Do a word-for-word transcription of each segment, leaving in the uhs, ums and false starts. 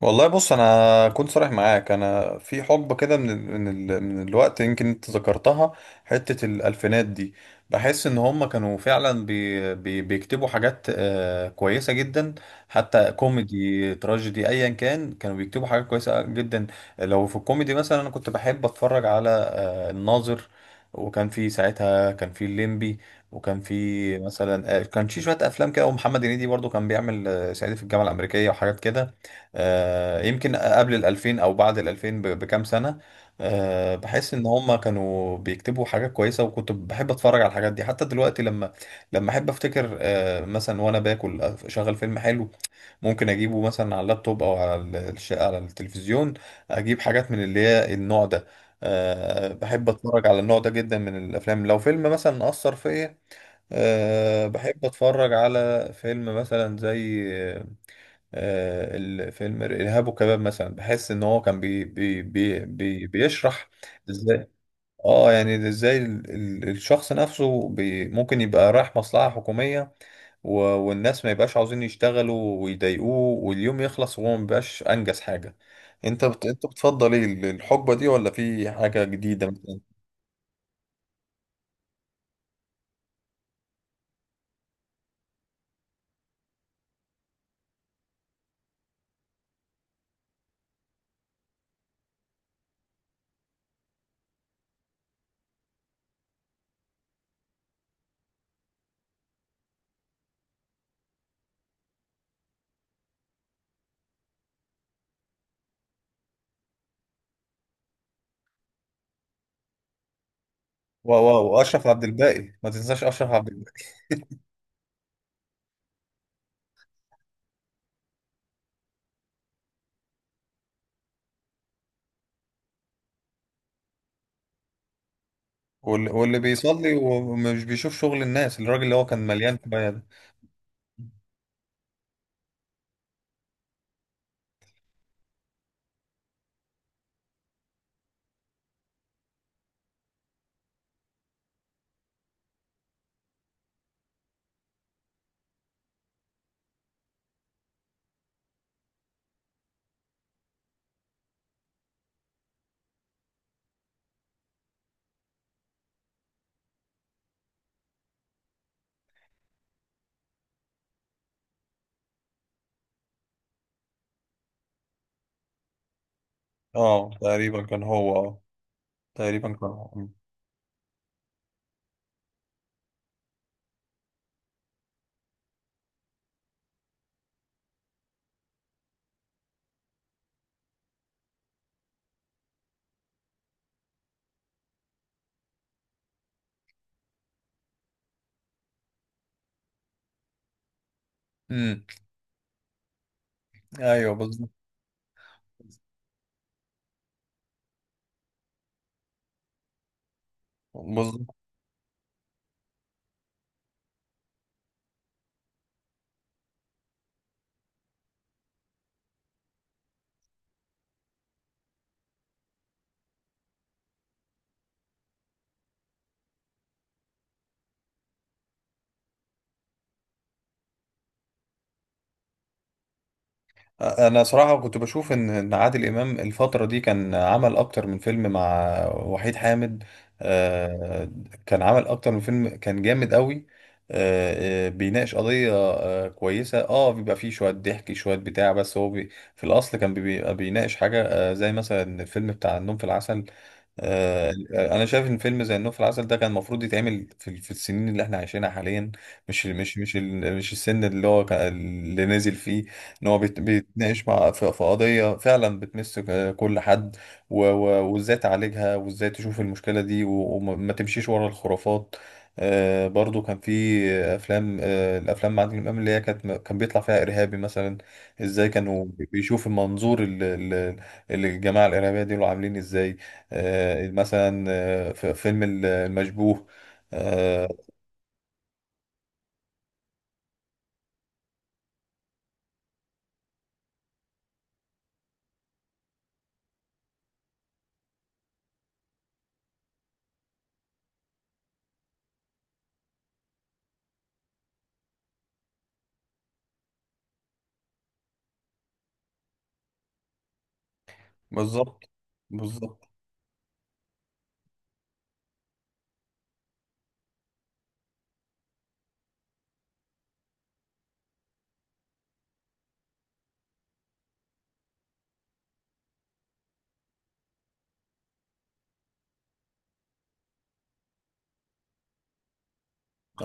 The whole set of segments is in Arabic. والله، بص، انا كنت صريح معاك. انا في حقبه كده من ال من ال من الوقت، يمكن انت ذكرتها. حته الالفينات دي، بحس ان هم كانوا فعلا بي بي بيكتبوا حاجات آه، كويسه جدا. حتى كوميدي تراجيدي ايا كان، كانوا بيكتبوا حاجات كويسه جدا. لو في الكوميدي مثلا، انا كنت بحب اتفرج على الناظر، وكان في ساعتها كان في الليمبي، وكان في مثلا آه، كان في شويه افلام كده، ومحمد هنيدي برضو كان بيعمل آه، صعيدي في الجامعه الامريكيه وحاجات كده. آه، يمكن قبل ال ألفين او بعد ال ألفين ب- بكام سنه. آه، بحس ان هم كانوا بيكتبوا حاجات كويسه، وكنت بحب اتفرج على الحاجات دي حتى دلوقتي. لما لما احب افتكر آه، مثلا وانا باكل اشغل فيلم حلو. ممكن اجيبه مثلا على اللابتوب او على ال- الش- على التلفزيون، اجيب حاجات من اللي هي النوع ده. أه، بحب اتفرج على النوع ده جدا من الافلام. لو فيلم مثلا اثر فيا، أه، بحب اتفرج على فيلم مثلا زي أه الفيلم الارهاب والكباب مثلا. بحس ان هو كان بي بي بي بي بيشرح ازاي. اه يعني ازاي ال- ال- الشخص نفسه بي ممكن يبقى رايح مصلحة حكومية، و... والناس ما يبقاش عاوزين يشتغلوا ويضايقوه، واليوم يخلص وهو ما بيبقاش انجز حاجه. انت بت... انت بتفضل ايه ال- الحقبه دي، ولا في حاجه جديده مثلا؟ واو، واو، واشرف عبد الباقي، ما تنساش اشرف عبد الباقي. واللي, واللي بيصلي ومش بيشوف شغل الناس، الراجل اللي هو كان مليان كبايه ده. اه، تقريبا كان هو. اه، تقريبا كان هو. امم. ايوه، بالظبط. بالظبط. انا صراحه كنت بشوف ان إن عادل امام الفتره دي كان عمل اكتر من فيلم مع وحيد حامد. آه، كان عمل اكتر من فيلم، كان جامد قوي. آه، آه، بيناقش قضيه آه، كويسه، اه بيبقى فيه شويه ضحك شويه بتاع، بس هو بي في الاصل كان بيبقى بيناقش حاجه آه، زي مثلا الفيلم بتاع النوم في العسل. آه، انا شايف ان فيلم زي النوم في العسل ده كان المفروض يتعمل في في السنين اللي احنا عايشينها حاليا، مش مش مش ال- مش السن اللي هو كان- اللي نازل فيه. ان هو بيت- بيتناقش مع في في قضيه فعلا بتمس ك- كل حد، و- و- وازاي تعالجها، وازاي تشوف المشكله دي، و- وما ما تمشيش ورا الخرافات. آه، برضو كان في افلام، آه، الافلام مع عادل امام اللي هي كانت كان بيطلع فيها ارهابي مثلا. ازاي كانوا بيشوف المنظور، ال- ال- الجماعه الارهابيه دول عاملين ازاي؟ آه، مثلا آه، في فيلم ال- المشبوه. آه، بالظبط. بالظبط،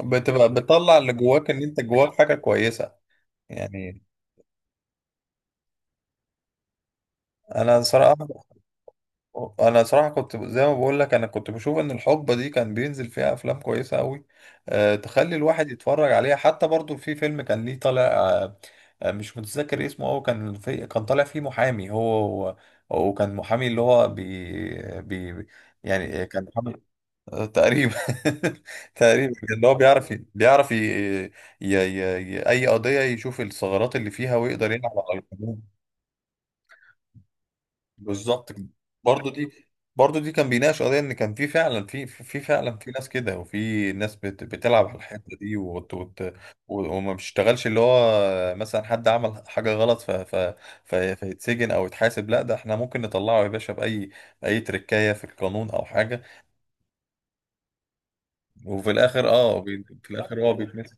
بتبقى بتطلع اللي جواك، ان انت جواك حاجه كويسه يعني. انا صراحه، انا صراحه كنت زي ما بقول لك. انا كنت بشوف ان الحقبه دي كان بينزل فيها افلام كويسه قوي، أه، تخلي الواحد يتفرج عليها. حتى برضو في فيلم كان ليه طالع، أه آه، مش متذكر اسمه، هو كان في كان طالع فيه محامي. هو هو- وكان محامي اللي هو بي بي يعني كان محامي، آه، تقريبا تقريبا ان هو بيعرف ي- بيعرف ي... ي... ي... ي... اي قضيه يشوف الثغرات اللي فيها ويقدر يلعب على القانون. بالظبط كده. برضه دي برضه دي كان بيناقش قضيه ان كان في فعلا، في في فعلا في ناس كده، وفي ناس بت... بتلعب على الحته دي وت... وت... و- وما بيشتغلش. اللي هو مثلا حد عمل حاجه غلط ف... ف... ف... فيتسجن او يتحاسب؟ لا، ده احنا ممكن نطلعه يا باشا، باي اي تركايه في القانون او حاجه. وفي الاخر اه بي... في الاخر هو بيتمسك.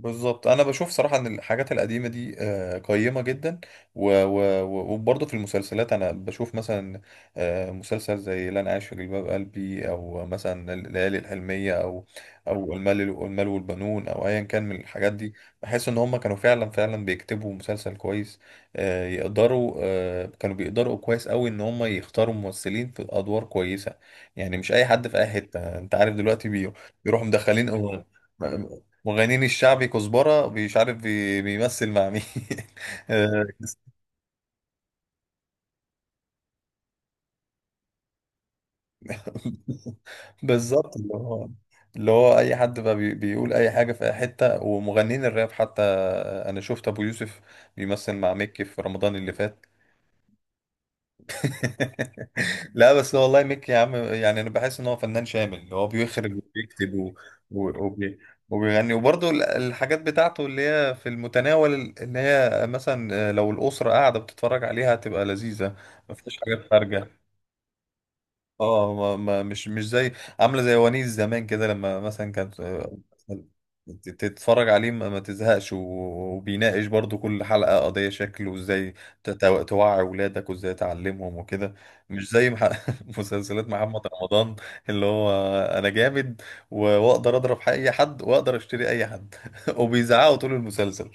بالظبط. انا بشوف صراحه ان الحاجات القديمه دي آه، قيمه جدا. و- و- و- وبرضه في المسلسلات انا بشوف مثلا آه، مسلسل زي لن اعيش في جلباب قلبي، او مثلا الليالي الحلميه، او او المال المال والبنون، او ايا كان من الحاجات دي. بحس ان هم كانوا فعلا فعلا بيكتبوا مسلسل كويس. آه، يقدروا آه، كانوا بيقدروا كويس قوي ان هم يختاروا ممثلين في ادوار كويسه. يعني مش اي حد في اي حته، انت عارف دلوقتي، بي- بيروحوا مدخلين مغنين الشعبي كزبرة، مش عارف، بي- بيمثل مع مين آه، بالظبط، اللي هو، اللي هو اي حد بقى بي- بيقول اي حاجة في اي حتة. ومغنين الراب حتى، آه، انا شفت ابو يوسف بيمثل مع مكي في رمضان اللي فات لا، بس هو والله ميك يا عم، يعني انا بحس ان هو فنان شامل. هو بيخرج وبيكتب و- و- وبي- وبيغني، وبرضه ال- الحاجات بتاعته اللي هي في المتناول، اللي هي مثلا آه، لو الأسرة قاعدة بتتفرج عليها هتبقى لذيذة، ما فيهاش حاجات خارجة. اه، ما ما مش مش زي عامله زي ونيس زمان كده. لما مثلا كانت آه، ت- تتفرج عليه ما ما تزهقش، و- وبيناقش برضو كل حلقه قضيه شكل، وازاي ت- تو- توعي ولادك وازاي تعلمهم وكده. مش زي مح... مسلسلات محمد رمضان اللي هو انا جامد، و- واقدر اضرب اي حد واقدر اشتري اي حد وبيزعقوا طول المسلسل.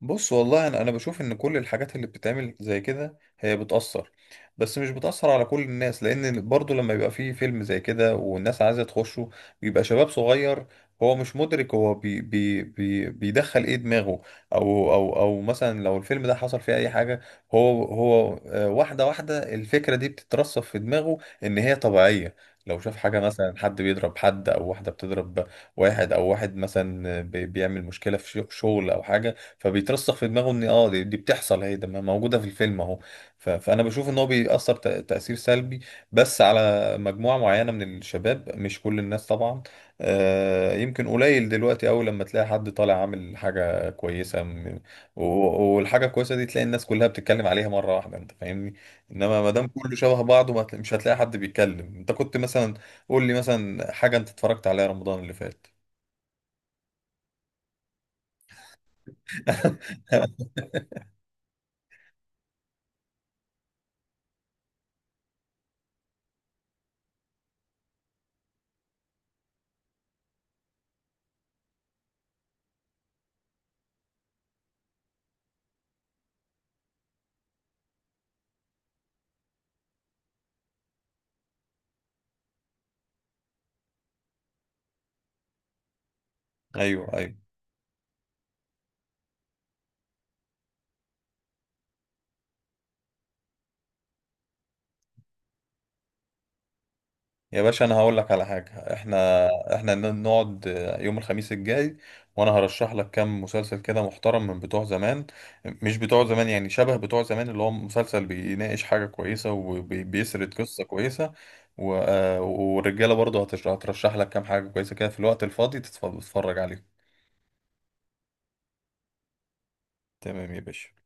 بص، والله انا انا بشوف ان كل الحاجات اللي بتتعمل زي كده هي بتأثر، بس مش بتأثر على كل الناس، لان برضو لما يبقى فيه فيلم زي كده والناس عايزة تخشه بيبقى شباب صغير، هو مش مدرك، هو بي بي بي بيدخل ايه دماغه. او او او مثلا لو الفيلم ده حصل فيه اي حاجة، هو هو آه، واحدة واحدة الفكرة دي بتترسخ في دماغه ان هي طبيعية. لو شاف حاجة مثلا، حد بيضرب حد، او واحدة بتضرب واحد، او واحد مثلا بي- بيعمل مشكلة في شغل او حاجة، فبيترسخ في دماغه ان اه دي, دي بتحصل، اهي ده موجوده في الفيلم اهو. ف- فانا بشوف ان هو بيأثر تأ- تأثير سلبي، بس على مجموعه معينه من الشباب، مش كل الناس طبعا. آه، يمكن قليل دلوقتي قوي لما تلاقي حد طالع عامل حاجه كويسه م- و- والحاجه الكويسه دي تلاقي الناس كلها بتتكلم عليها مره واحده، انت فاهمني؟ انما ما دام كله شبه بعضه، ما هتلا- مش هتلاقي حد بيتكلم. انت كنت مثلا، قول لي مثلا حاجه انت اتفرجت عليها رمضان اللي فات ايوه، ايوه، يا باشا، انا هقول لك على حاجه. احنا، احنا ن- نقعد يوم الخميس الجاي، وانا هرشح لك كام مسلسل كده محترم من بتوع زمان، مش بتوع زمان يعني، شبه بتوع زمان، اللي هو مسلسل بيناقش حاجه كويسه وبيسرد قصه كويسه. و... آه، والرجاله برضه هتش- هترشح لك كام حاجه كويسه كده في الوقت الفاضي تتف- تتفرج عليهم. تمام يا باشا.